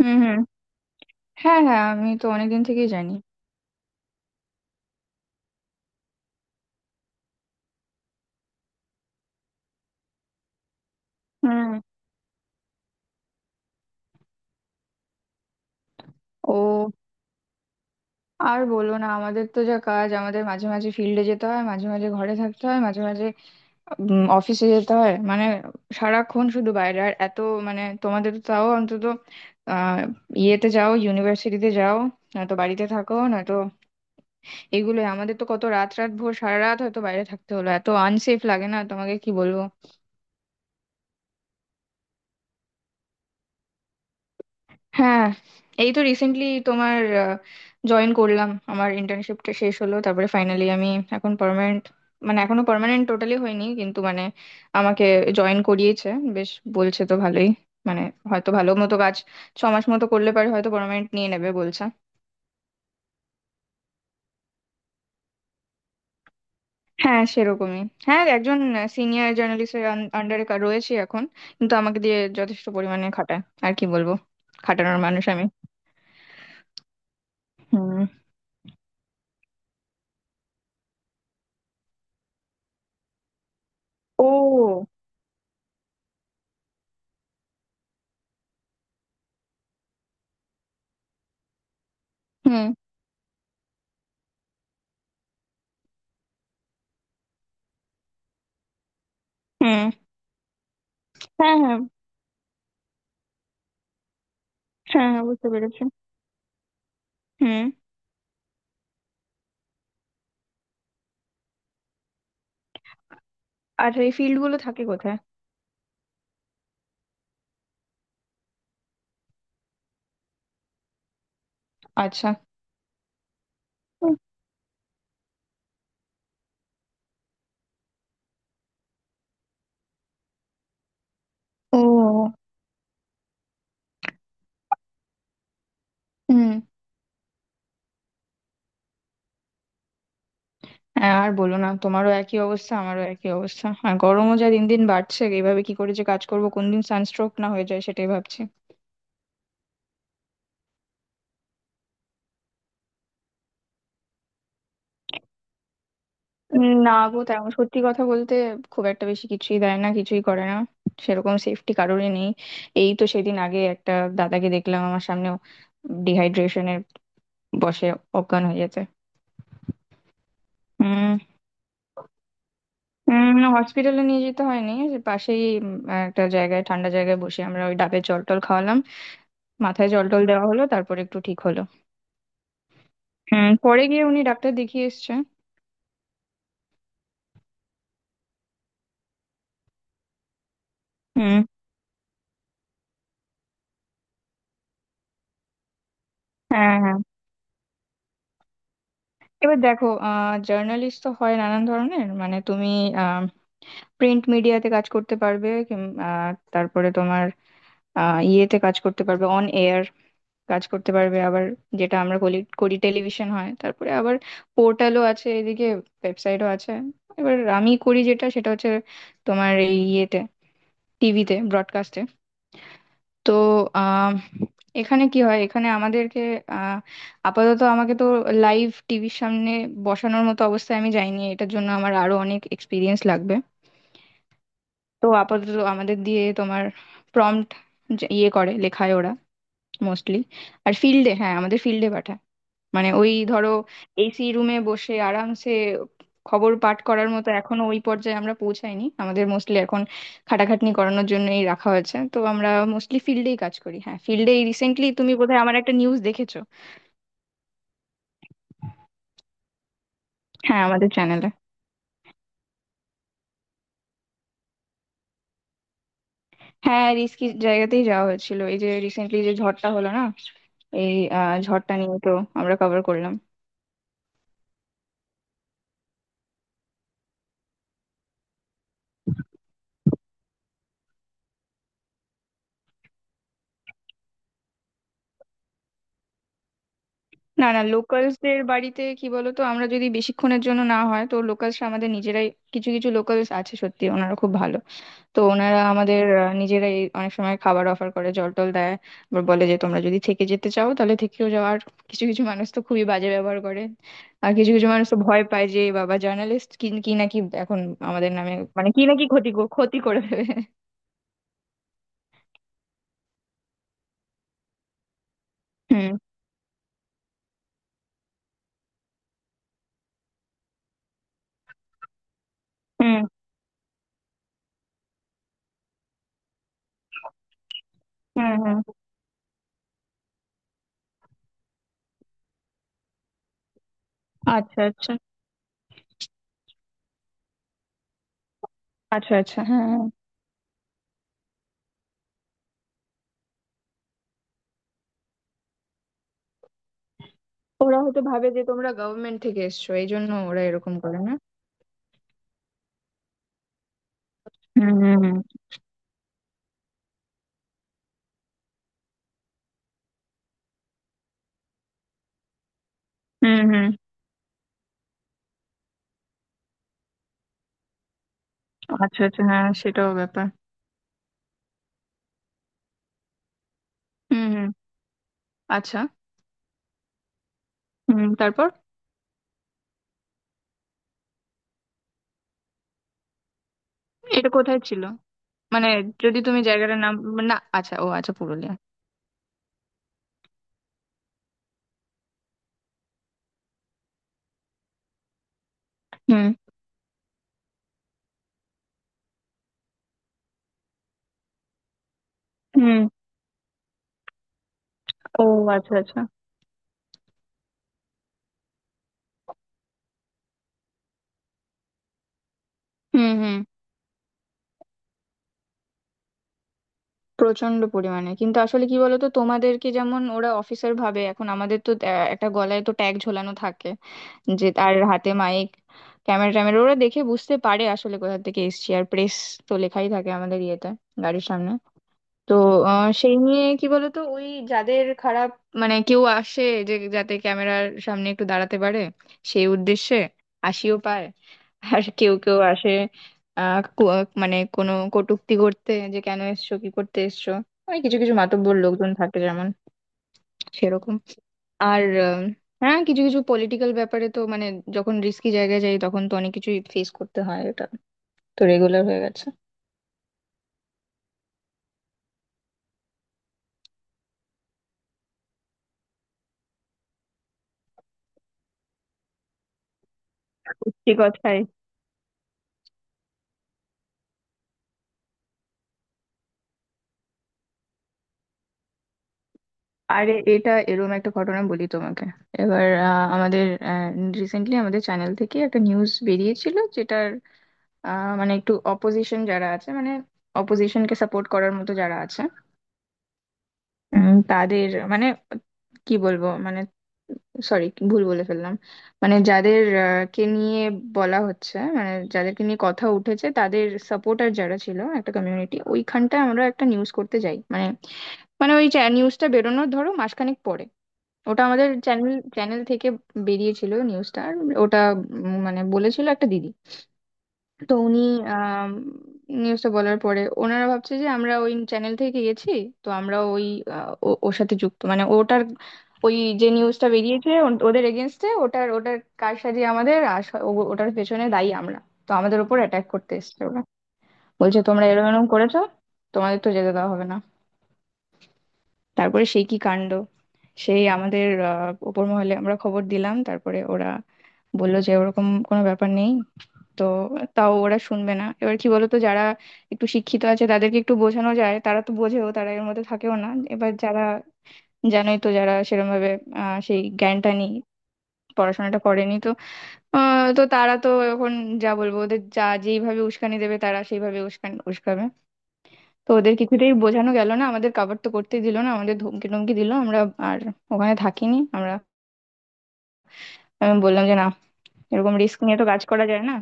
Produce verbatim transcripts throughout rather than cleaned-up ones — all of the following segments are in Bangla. হুম, হুম। হ্যাঁ, হ্যাঁ, আমি তো অনেকদিন থেকেই জানি। হুম। ও, আর বলো না, আমাদের তো যা কাজ, আমাদের মাঝে মাঝে ফিল্ডে যেতে হয়, মাঝে মাঝে ঘরে থাকতে হয়, মাঝে মাঝে অফিসে যেতে হয়, মানে সারাক্ষণ শুধু বাইরে আর এত, মানে তোমাদের তো তাও অন্তত আহ ইয়েতে যাও, ইউনিভার্সিটিতে যাও, নয়তো বাড়িতে থাকো, নয়তো এগুলোই। আমাদের তো কত রাত রাত ভোর, সারা রাত হয়তো বাইরে থাকতে হলো, এত আনসেফ লাগে না তোমাকে কি বলবো। হ্যাঁ, এই তো রিসেন্টলি তোমার জয়েন করলাম, আমার ইন্টার্নশিপটা শেষ হলো, তারপরে ফাইনালি আমি এখন পার্মানেন্ট, মানে এখনো পার্মানেন্ট টোটালি হয়নি, কিন্তু মানে আমাকে জয়েন করিয়েছে। বেশ, বলছে তো ভালোই, মানে হয়তো ভালো মতো কাজ ছ মাস মতো করলে পারে হয়তো পার্মানেন্ট নিয়ে নেবে বলছে। হ্যাঁ, সেরকমই। হ্যাঁ, একজন সিনিয়র জার্নালিস্টের আন্ডারে রয়েছে এখন, কিন্তু আমাকে দিয়ে যথেষ্ট পরিমাণে খাটায়, আর কি বলবো, খাটানোর মানুষ আমি। হুম। ও। হুম, হুম। হ্যাঁ, হ্যাঁ। হ্যাঁ, হ্যাঁ, বুঝতে পেরেছি। হুম। আর এই ফিল্ড গুলো থাকে কোথায়? আচ্ছা। ও। হুম। হ্যাঁ, আর বলো না, তোমারও একই অবস্থা, আমারও একই অবস্থা, আর গরমও যা দিন দিন বাড়ছে, এইভাবে কি করে যে কাজ করবো, কোন দিন সানস্ট্রোক না হয়ে যায় সেটাই ভাবছি। উম, না গো, তেমন সত্যি কথা বলতে খুব একটা বেশি কিছুই দেয় না, কিছুই করে না। সেরকম সেফটি কারোরই নেই। এই তো সেদিন আগে একটা দাদাকে দেখলাম আমার সামনে ডিহাইড্রেশনের বশে অজ্ঞান হয়ে যেতে। হুম। উম হসপিটালে নিয়ে যেতে হয়নি, যে পাশেই উম, একটা জায়গায় ঠান্ডা জায়গায় বসে আমরা ওই ডাবের জল টল খাওয়ালাম, মাথায় জল টল দেওয়া হলো, তারপর একটু ঠিক হলো। হুম, পরে গিয়ে উনি ডাক্তার দেখিয়ে এসছে। হুম। হ্যাঁ, হ্যাঁ, এবার দেখো, আহ জার্নালিস্ট তো হয় নানান ধরনের, মানে তুমি আহ প্রিন্ট মিডিয়াতে কাজ করতে পারবে, কিম- আহ, তারপরে তোমার আহ ইয়েতে কাজ করতে পারবে, অন এয়ার কাজ করতে পারবে, আবার যেটা আমরা করি করি টেলিভিশন হয়, তারপরে আবার পোর্টালও আছে এদিকে, ওয়েবসাইটও আছে। এবার আমি করি যেটা, সেটা হচ্ছে তোমার এই ইয়েতে, টিভিতে, ব্রডকাস্টে। তো আহ এখানে কি হয়, এখানে আমাদেরকে আহ আপাতত আমাকে তো লাইভ টিভির সামনে বসানোর মতো অবস্থায় আমি যাইনি, এটার জন্য আমার আরো অনেক এক্সপিরিয়েন্স লাগবে। তো আপাতত আমাদের দিয়ে তোমার প্রম্পট ইয়ে করে লেখায় ওরা মোস্টলি। আর ফিল্ডে, হ্যাঁ, আমাদের ফিল্ডে পাঠায়, মানে ওই ধরো এসি রুমে বসে আরামসে খবর পাঠ করার মতো এখনো ওই পর্যায়ে আমরা পৌঁছাইনি, আমাদের মোস্টলি এখন খাটাখাটনি করানোর জন্যই রাখা হয়েছে। তো আমরা মোস্টলি ফিল্ডেই কাজ করি। হ্যাঁ, ফিল্ডে রিসেন্টলি তুমি বোধহয় আমার একটা নিউজ দেখেছো। হ্যাঁ, আমাদের চ্যানেলে। হ্যাঁ, রিস্কি জায়গাতেই যাওয়া হয়েছিল, এই যে রিসেন্টলি যে ঝড়টা হলো না, এই আহ, ঝড়টা নিয়ে তো আমরা কভার করলাম। না, না, লোকালসদের বাড়িতে কি বলতো, আমরা যদি বেশিক্ষণের জন্য না হয় তো লোকালসরা আমাদের নিজেরাই, কিছু কিছু লোকালস আছে সত্যি, ওনারা খুব ভালো। তো ওনারা আমাদের আহ, নিজেরাই অনেক সময় খাবার অফার করে, জল টল দেয়। আবার বলে যে তোমরা যদি থেকে যেতে চাও তাহলে থেকেও যাও। আর কিছু কিছু মানুষ তো খুবই বাজে ব্যবহার করে। আর কিছু কিছু মানুষ তো ভয় পায়, যে "এ বাবা, জার্নালিস্ট কি কি নাকি এখন আমাদের নামে", মানে কি নাকি ক্ষতি কর- ক্ষতি করে দেবে। হুম, হুম। হুম, হুম। আচ্ছা, আচ্ছা। আচ্ছা, আচ্ছা, হ্যাঁ, হ্যাঁ। ওরা হয়তো ভাবে যে তোমরা গভর্নমেন্ট থেকে এসছো, এই জন্য ওরা এরকম করে না। হুম, হুম। হুম, হুম। হুম। আচ্ছা, আচ্ছা, হ্যাঁ, সেটাও ব্যাপার। হুম, হুম। আচ্ছা। হুম, তারপর? এটা কোথায় ছিল, মানে যদি তুমি জায়গাটার নাম। না, আচ্ছা। ও, আচ্ছা, পুরুলিয়া। হুম, হুম। ও, আচ্ছা, আচ্ছা। হুম, হুম, প্রচন্ড পরিমাণে, কিন্তু আসলে কি বলতো, তোমাদেরকে যেমন ওরা অফিসার ভাবে, এখন আমাদের তো আহ, একটা গলায় তো ট্যাগ ঝোলানো থাকে, যে তার হাতে মাইক, ক্যামেরা ট্যামেরা, ওরা দেখে বুঝতে পারে আসলে কোথা থেকে এসছি। আর প্রেস তো লেখাই থাকে আমাদের ইয়েতে, গাড়ির সামনে। তো আহ, সেই নিয়ে কি বলতো, ওই যাদের খারাপ মানে, কেউ আসে যে যাতে ক্যামেরার সামনে একটু দাঁড়াতে পারে সেই উদ্দেশ্যে, হাসিও পায়। আর কেউ কেউ আসে আহ কু- মানে কোনো কটূক্তি করতে, যে কেন এসছো, কি করতে এসছো। ওই কিছু কিছু মাতব্বর লোকজন থাকে যেমন, সেরকম। আর আহ, হ্যাঁ, কিছু কিছু পলিটিক্যাল ব্যাপারে তো, মানে যখন রিস্কি জায়গায় যাই তখন তো অনেক কিছুই ফেস করতে হয়, এটা তো রেগুলার হয়ে গেছে। সত্যি কথাই। আরে, এটা এরকম একটা ঘটনা বলি তোমাকে। এবার আহ, আমাদের রিসেন্টলি আমাদের চ্যানেল থেকে একটা নিউজ বেরিয়েছিল যেটার আহ, মানে একটু অপোজিশন যারা আছে, মানে অপোজিশনকে সাপোর্ট করার মতো যারা আছে উম, তাদের, মানে কি বলবো, মানে সরি, ভুল বলে ফেললাম। মানে যাদের আহ, কে নিয়ে বলা হচ্ছে, মানে যাদেরকে নিয়ে কথা উঠেছে তাদের সাপোর্টার যারা ছিল একটা কমিউনিটি, ওইখানটায় আমরা একটা নিউজ করতে যাই, মানে মানে ওই নিউজটা বেরোনোর ধরো মাসখানেক পরে ওটা আমাদের চ্যানেল চ্যানেল থেকে বেরিয়েছিল নিউজটা। আর ওটা উম, মানে বলেছিল একটা দিদি। তো উনি নিউজটা বলার পরে ওনারা ভাবছে যে আমরা ওই চ্যানেল থেকে গেছি, তো আমরা ওই আহ, ও- ওর সাথে যুক্ত, মানে ওটার ওই যে নিউজটা বেরিয়েছে ও- ওদের এগেনস্টে, ওটার ওটার কারসাজি আমাদের, আর স- ও- ওটার পেছনে দায়ী আমরা। তো আমাদের উপর অ্যাটাক করতে এসেছে ওরা, বলছে তোমরা এরকম এরকম করেছো, তোমাদের তো যেতে দেওয়া হবে না। তারপরে সেই কি কাণ্ড, সেই আমাদের আহ, ওপর মহলে আমরা খবর দিলাম, তারপরে ওরা বললো যে ওরকম কোনো ব্যাপার নেই। তো তাও ওরা শুনবে না। এবার কি বলতো, যারা একটু শিক্ষিত আছে তাদেরকে একটু বোঝানো যায়, তারা তো বোঝেও, তারা এর মধ্যে থাকেও না। এবার যারা, জানোই তো, যারা সেরকম ভাবে সেই জ্ঞানটা নেই, পড়াশোনাটা করেনি তো আহ, তো তারা তো এখন যা বলবো ওদের, যা যেইভাবে উস্কানি দেবে তারা সেইভাবে উস্কান উস্কাবে। তো ওদের কিছুতেই বোঝানো গেল না, আমাদের কাভার তো করতেই দিল না, আমাদের ধমকি টমকি দিল। আমরা আর ওখানে থাকিনি আমরা। আমি বললাম যে না, এরকম রিস্ক নিয়ে তো কাজ করা যায় না।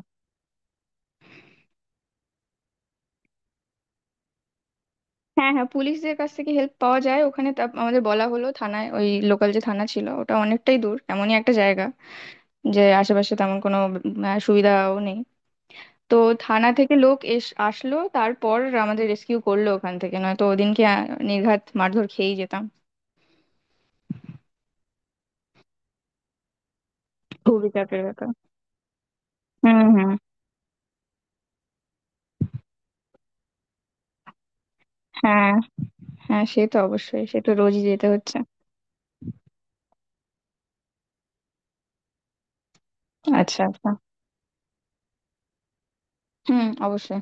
হ্যাঁ, হ্যাঁ, পুলিশদের কাছ থেকে হেল্প পাওয়া যায় ওখানে, তা আমাদের বলা হলো, থানায় ওই লোকাল যে থানা ছিল ওটা অনেকটাই দূর, এমনই একটা জায়গা যে আশেপাশে তেমন কোনো উম, আহ, সুবিধাও নেই। তো থানা থেকে লোক এস আসলো, তারপর আমাদের রেস্কিউ করলো ওখান থেকে, নয়তো ওদিনকে আহ, নির্ঘাত মারধর খেয়েই যেতাম। খুবই চাপের ব্যাপার। হুম, হুম। হ্যাঁ, হ্যাঁ, সে তো অবশ্যই, সে তো রোজই যেতে হচ্ছে। আচ্ছা, আচ্ছা। হুম, অবশ্যই।